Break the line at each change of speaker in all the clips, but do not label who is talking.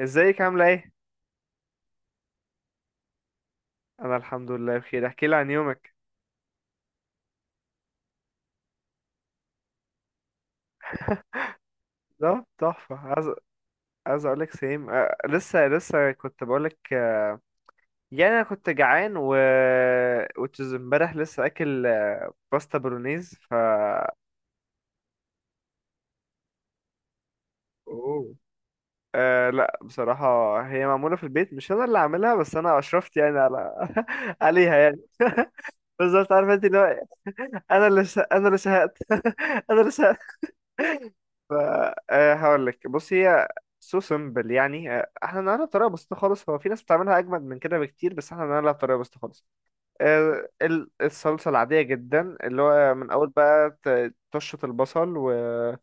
ازيك عاملة ايه؟ انا الحمد لله بخير، احكي لي عن يومك. ده تحفة. عايز اقولك سيم، لسه كنت بقولك يعني انا كنت جعان و which is امبارح لسه اكل، باستا برونيز. ف اوه. لا، بصراحة هي معمولة في البيت، مش أنا اللي عاملها، بس أنا أشرفت يعني على عليها يعني بالظبط، عارفة أنت اللي هو أنا اللي شهقت أنا اللي شهقت. ف هقول لك، بص هي سو سمبل يعني. احنا نعملها بطريقه بسيطه خالص. هو في ناس بتعملها اجمد من كده بكتير بس احنا نعملها بطريقه بسيطه خالص. الصلصه العاديه جدا اللي هو من اول بقى تشط البصل، وطبعا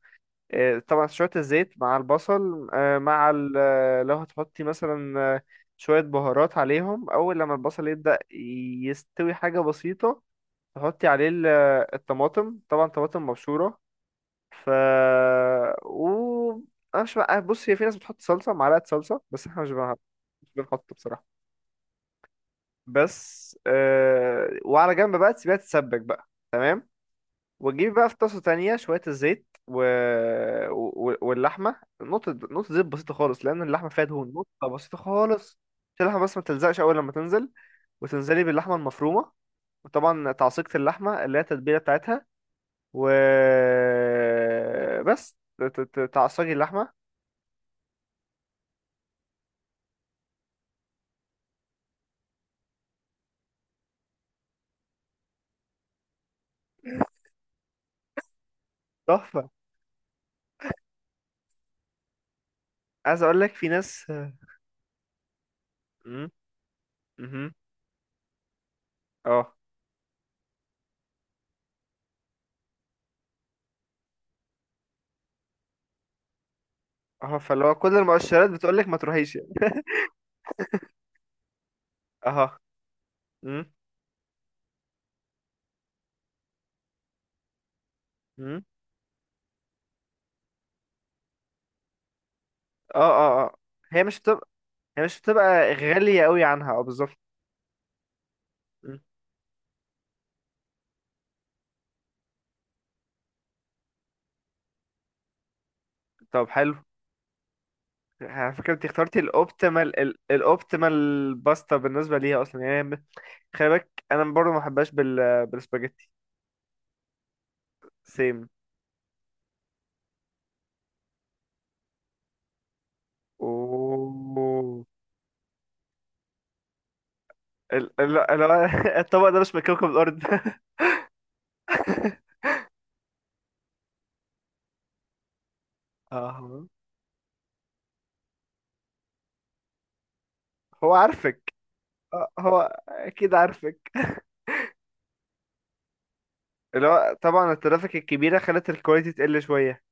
شويه الزيت مع البصل، آه، مع ال- آه، لو هتحطي مثلا شويه بهارات عليهم اول لما البصل يبدا يستوي، حاجه بسيطه. تحطي عليه الطماطم، طبعا طماطم مبشوره. ف و انا مش بقى، بص هي في ناس بتحط صلصه معلقه صلصه، بس احنا مش بنحط، بصراحه. وعلى جنب بقى تسيبها تتسبك بقى، تمام. وتجيبي بقى في طاسه تانية شويه الزيت واللحمه، نقطه نقطه زيت بسيطه خالص لان اللحمه فيها دهون، نقطه بسيطه خالص عشان اللحمه بس ما تلزقش اول لما تنزل. وتنزلي باللحمه المفرومه، وطبعا تعصيقة اللحمه اللي هي التتبيله بتاعتها. و بس تعصجي اللحمه. تحفة. عايز اقول لك في ناس. امم امم اه اه. فاللي هو كل المؤشرات بتقول لك ما تروحيش يعني اه. امم امم اه اه اه. هي مش بتبقى، غالية قوي عنها، اه بالظبط. مم. طب حلو. على فكرة انت اخترتي الاوبتيمال، الاوبتيمال باستا بالنسبة ليها اصلا يعني خلي بالك انا برضه ما بحبهاش بال بالسباجيتي. سيم. اوه. ال- ال- ال- الطبق ده مش من كوكب الارض اه. هو عارفك، هو اكيد عارفك اللي هو طبعا الترافيك الكبيرة خلت الكواليتي تقل شوية.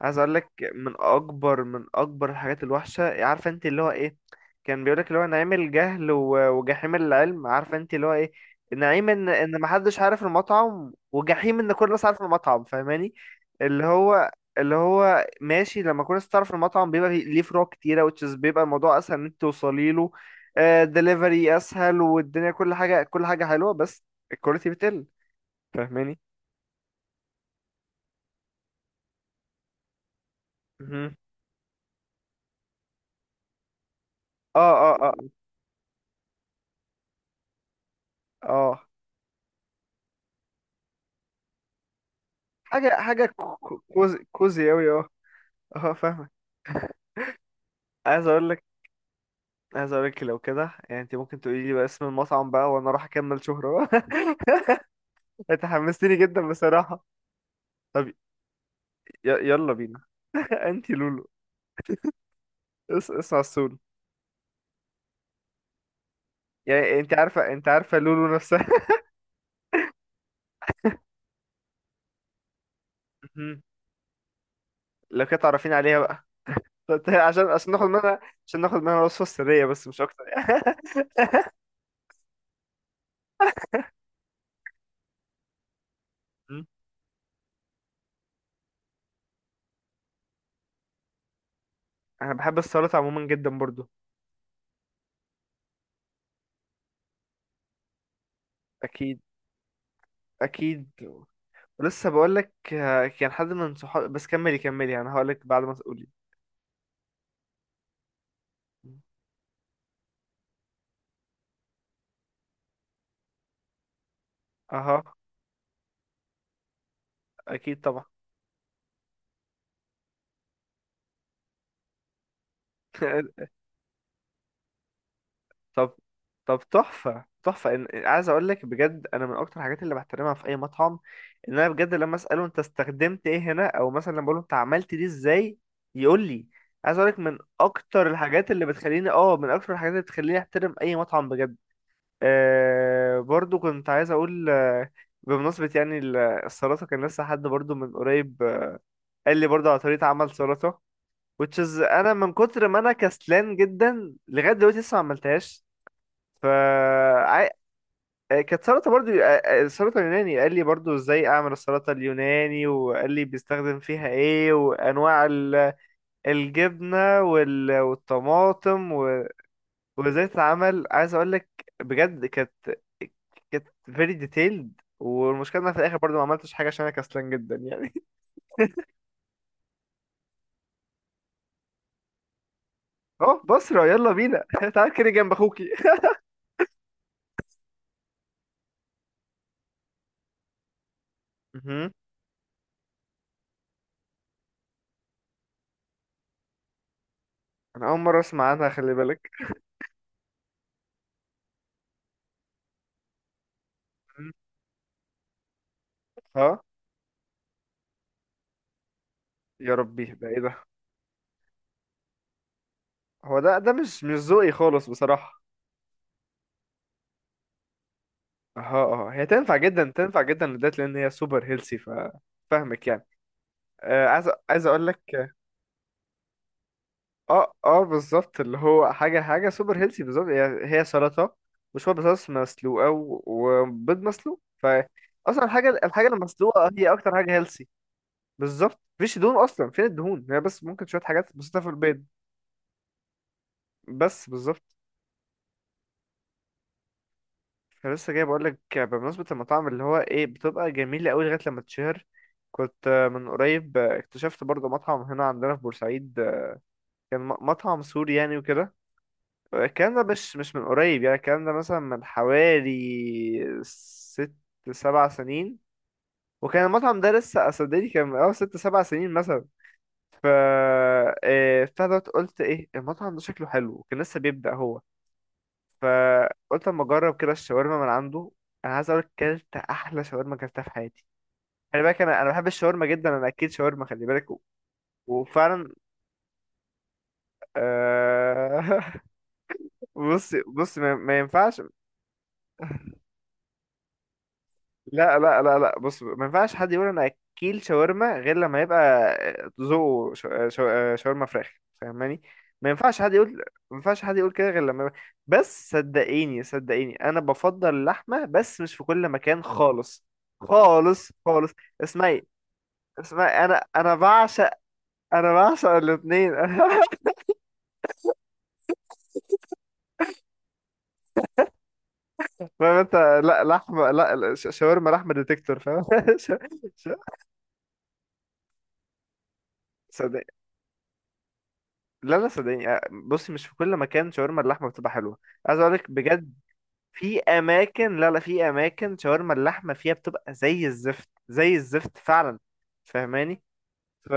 عايز اقول لك، من اكبر الحاجات الوحشه، عارفه انت اللي هو ايه؟ كان بيقول لك اللي هو نعيم الجهل وجحيم العلم، عارفه انت اللي هو ايه؟ نعيم ان ما حدش عارف المطعم وجحيم ان كل الناس عارف المطعم، فاهماني؟ اللي هو اللي هو ماشي. لما كل الناس تعرف المطعم بيبقى ليه فروع كتيره which is بيبقى الموضوع اسهل ان انت توصلي له. دليفري اسهل، والدنيا كل حاجه كل حاجه حلوه، بس الكواليتي بتقل. فاهماني؟ مهم. اه اه اه اه. حاجة حاجة كوزي كوزي أوي، اه اه، فاهمك. عايز أقول لك عايز أقول لك لو كده يعني، أنت ممكن تقولي لي بقى اسم المطعم بقى وأنا أروح أكمل شهرة بقى. أنت حمستني جدا بصراحة. طب يلا بينا. أنت لولو. اسمع السول. يعني أنت عارفة، لولو نفسها. مهم. لو كده تعرفين عليها بقى. طب عشان، ناخد منها، عشان ناخد منها الوصفة السرية بس مش أكتر مم. أنا بحب السلطة عموما جدا برضو. أكيد، أكيد. لسه بقول لك، كان حد من صحابي، بس كملي كملي يعني، هقول لك بعد ما تقولي. اها، اكيد طبعا. طب تحفه تحفه، إن... عايز اقول لك بجد، انا من اكتر الحاجات اللي بحترمها في اي مطعم ان انا بجد لما اساله انت استخدمت ايه هنا، او مثلا لما بقول له انت عملت دي ازاي يقول لي. عايز اقول لك، من اكتر الحاجات اللي بتخليني احترم اي مطعم بجد. آه، برضو كنت عايز اقول بمناسبة يعني السلطة، كان لسه حد برضو من قريب قال لي برضه على طريقة عمل سلطة which is أنا من كتر ما أنا كسلان جدا لغاية دلوقتي لسه ما عملتهاش. ف عاي- كانت سلطة برضه. السلطة اليوناني قال لي برضه إزاي أعمل السلطة اليوناني وقال لي بيستخدم فيها إيه، وأنواع الجبنة والطماطم وإزاي تتعمل. عايز أقول لك بجد، كانت، very detailed. والمشكلة إن أنا في الآخر برضه ما عملتش حاجة عشان أنا كسلان جدا يعني. أه بصرة، يلا بينا تعال كده جنب أخوكي. انا اول مره اسمع عنها، خلي بالك. ها، يا ربي ده ايه ده؟ هو ده مش ذوقي خالص بصراحه. اه اه، هي تنفع جدا، تنفع جدا للدايت لان هي سوبر هيلسي. ف فاهمك يعني. آه عايز اقول لك. اه اه بالظبط، اللي هو حاجه حاجه سوبر هيلسي بالظبط، هي سلطه وشويه بطاطس مسلوقه وبيض مسلوق. ف اصلا الحاجه المسلوقه، هي اكتر حاجه هيلسي بالظبط، مفيش دهون اصلا، فين الدهون؟ هي بس ممكن شويه حاجات بسيطه في البيض، بس بالظبط. أنا لسه جاي بقولك بمناسبة المطاعم اللي هو ايه، بتبقى جميلة أوي لغاية لما تتشهر. كنت من قريب اكتشفت برضه مطعم هنا عندنا في بورسعيد، كان مطعم سوري يعني وكده. الكلام ده مش من قريب يعني، الكلام ده مثلا من حوالي ست سبع سنين. وكان المطعم ده لسه أصدقني كان من أول ست سبع سنين مثلا. ف بتاع دوت، قلت ايه المطعم ده شكله حلو، وكان لسه بيبدأ هو. فقلت اما اجرب كده الشاورما من عنده. انا عايز اقول لك، كلت احلى شاورما كلتها في حياتي. خلي بالك انا بحب الشاورما جدا، انا اكيد شاورما خلي بالك وفعلا. آه بص بص، ما ينفعش. لا لا لا لا، بص ما ينفعش حد يقول انا اكيل شاورما غير لما يبقى ذوقه شاورما فراخ، فاهماني؟ ما ينفعش حد يقول، ما ينفعش حد يقول كده غير لما يبقى-. بس صدقيني صدقيني انا بفضل اللحمه، بس مش في كل مكان خالص، خالص خالص. اسمعي اسمعي، انا بعشق، انا بعشق الاثنين فاهم انت؟ لا لحمه، لا لا، شاورما لحمه ديتكتور فاهم ش- ش- لا لا صدقني، بصي مش في كل مكان شاورما اللحمه بتبقى حلوه، عايز اقول لك بجد. في اماكن، لا لا، في اماكن شاورما اللحمه فيها بتبقى زي الزفت، زي الزفت فعلا، فاهماني؟ ف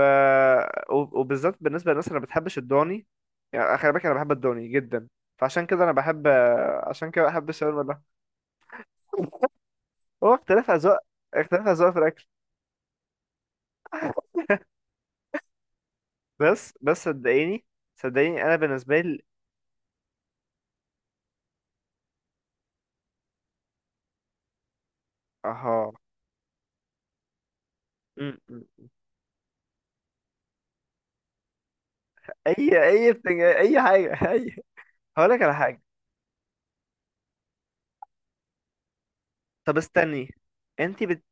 وبالذات بالنسبه للناس اللي ما بتحبش الضاني، يعني خلي بالك انا بحب الضاني جدا، فعشان كده انا بحب، عشان كده بحب الشاورما اللحمه. هو اختلاف اذواق، اختلاف اذواق في الاكل. بس صدقيني، صدقيني انا بالنسبه لي. اها م. اي بتنج... اي حاجه اي. هقول لك على حاجه. طب استني، انت بت...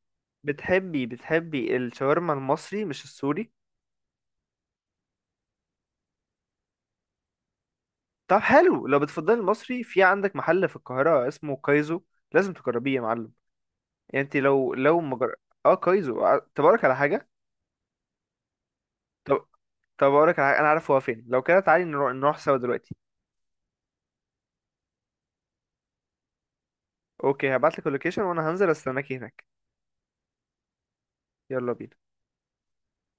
بتحبي الشاورما المصري مش السوري؟ طب حلو، لو بتفضلي المصري، في عندك محل في القاهرة اسمه كايزو، لازم تجربيه يا معلم. يعني انت لو مجر... اه كايزو، اه، طب اقولك على حاجة. طب اقولك على حاجة، انا عارف هو فين، لو كده تعالي نروح سوا دلوقتي. اوكي هبعتلك اللوكيشن وانا هنزل استناكي هناك. يلا بينا.